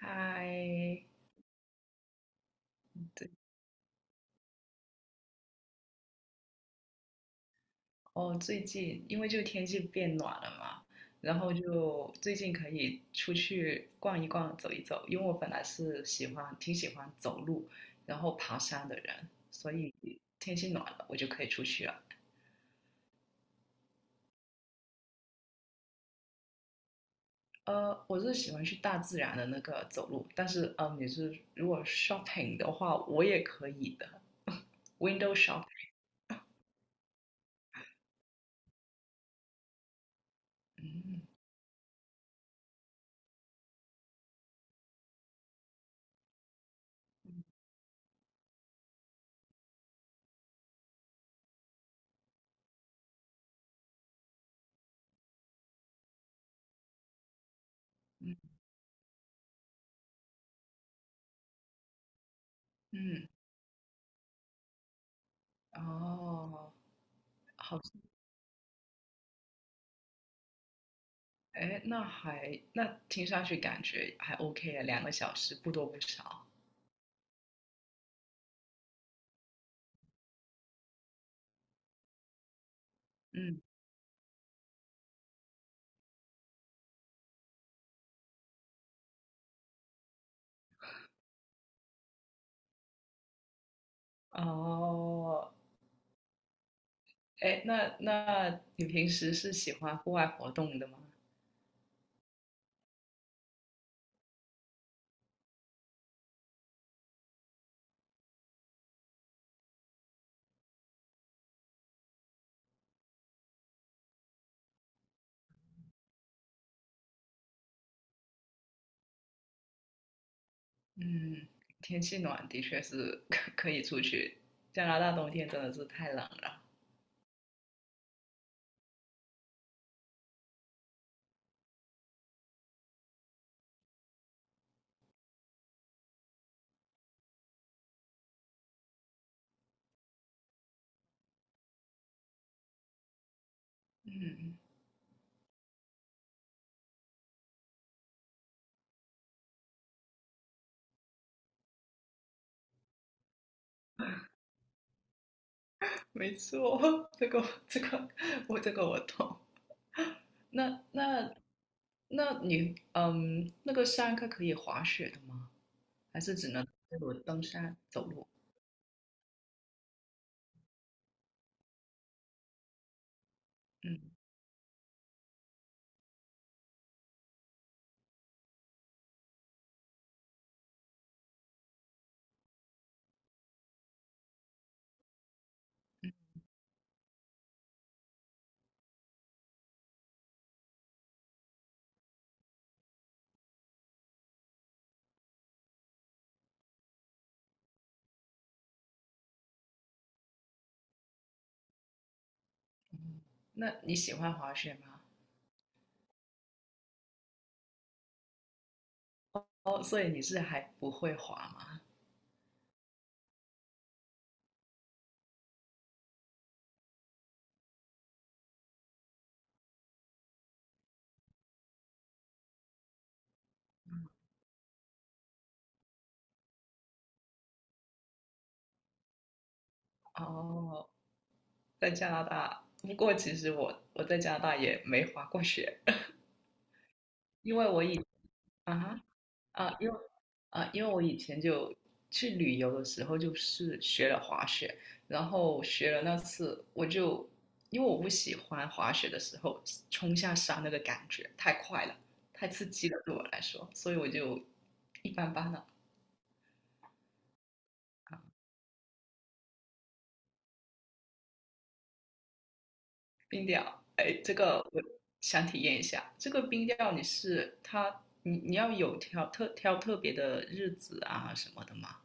嗨，对，哦，最近因为就天气变暖了嘛，然后就最近可以出去逛一逛、走一走，因为我本来是挺喜欢走路，然后爬山的人，所以天气暖了，我就可以出去了。我是喜欢去大自然的那个走路，但是你是如果 shopping 的话，我也可以的 ，window shop。嗯，哦，好。哎，那听上去感觉还 OK 啊，2个小时不多不少。嗯，哦，哎，那你平时是喜欢户外活动的吗？嗯，天气暖的确是 可以出去。加拿大冬天真的是太冷了。没错，这个这个我这个我懂。那那那你那个山它可以滑雪的吗？还是只能登山走路？嗯。那你喜欢滑雪吗？哦，所以你是还不会滑吗？哦，在加拿大，不过其实我在加拿大也没滑过雪，因为我以啊哈啊，因为因为我以前就去旅游的时候就是学了滑雪，然后学了那次我就因为我不喜欢滑雪的时候冲下山那个感觉太快了，太刺激了对我来说，所以我就一般般了。冰钓，哎，这个我想体验一下。这个冰钓你是它，你你要有挑特挑特别的日子啊什么的吗？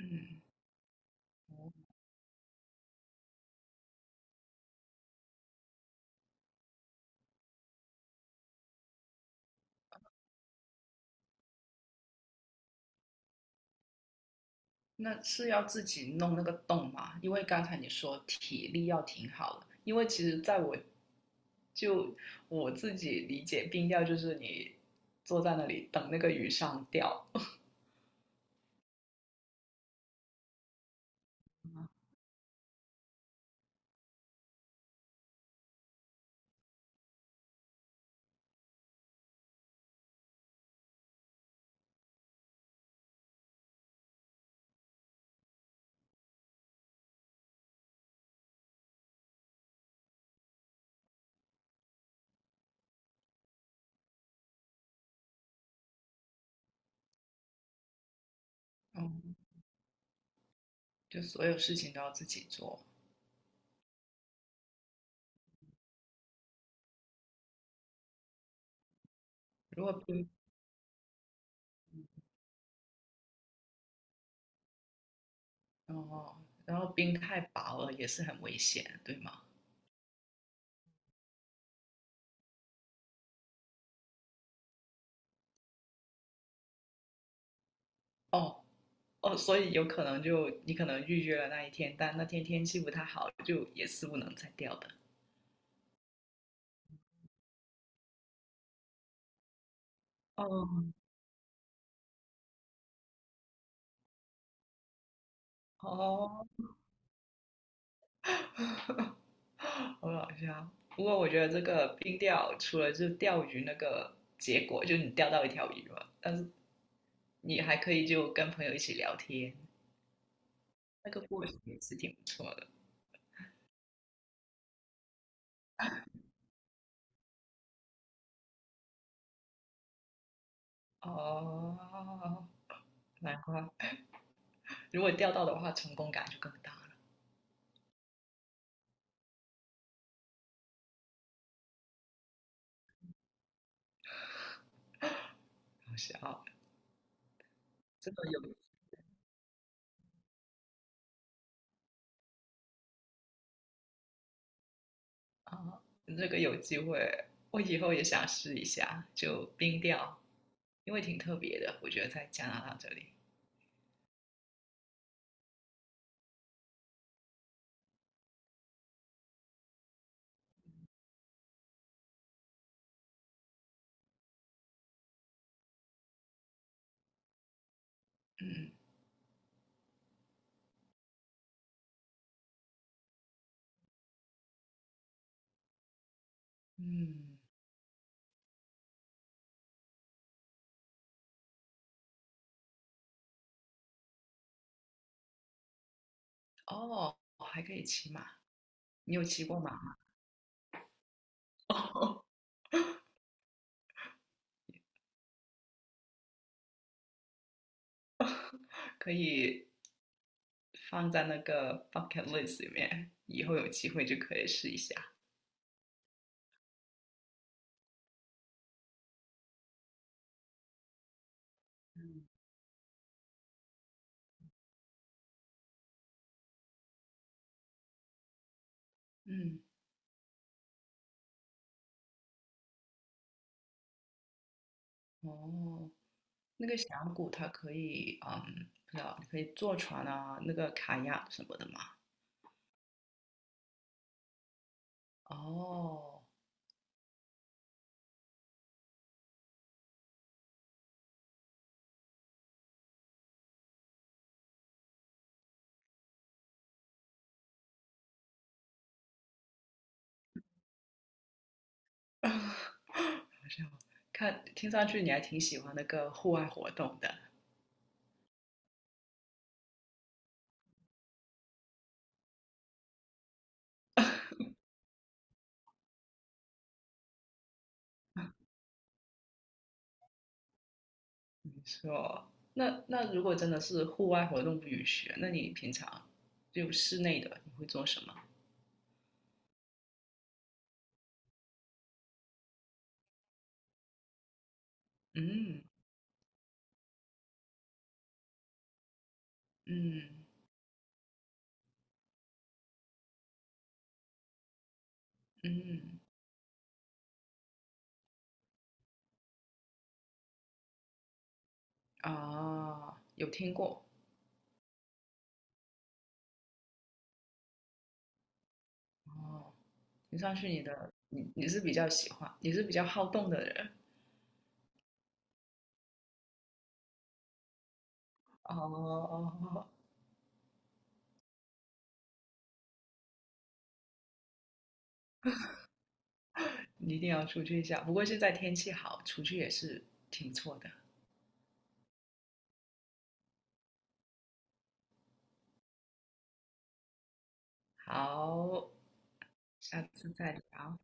嗯，那是要自己弄那个洞吗？因为刚才你说体力要挺好的，因为其实就我自己理解，冰钓就是你坐在那里等那个鱼上钓，嗯，就所有事情都要自己做。如果冰哦，然后冰太薄了也是很危险，对吗？哦，哦，所以有可能就你可能预约了那一天，但那天天气不太好，就也是不能再钓的。哦哦，好搞笑。不过我觉得这个冰钓除了就钓鱼那个结果，就是你钓到一条鱼嘛，但是你还可以就跟朋友一起聊天，那个过程也是挺不错的。哦，难怪如果钓到的话，成功感就更大了。好笑，这个有啊，这个有机会，我以后也想试一下，就冰钓。因为挺特别的，我觉得在加拿大这里。嗯嗯，哦，还可以骑马，你有骑过马吗？哦，可以放在那个 bucket list 里面，以后有机会就可以试一下。嗯嗯，哦，那个峡谷它可以，不知道，可以坐船啊，那个卡亚什么的吗？哦，看，听上去你还挺喜欢那个户外活动的。是哦，那如果真的是户外活动不允许，那你平常就室内的你会做什么？嗯嗯嗯，啊，有听过哦。你上去你的，你是比较好动的人哦。你一定要出去一下。不过现在天气好，出去也是挺错的。好，下次再聊。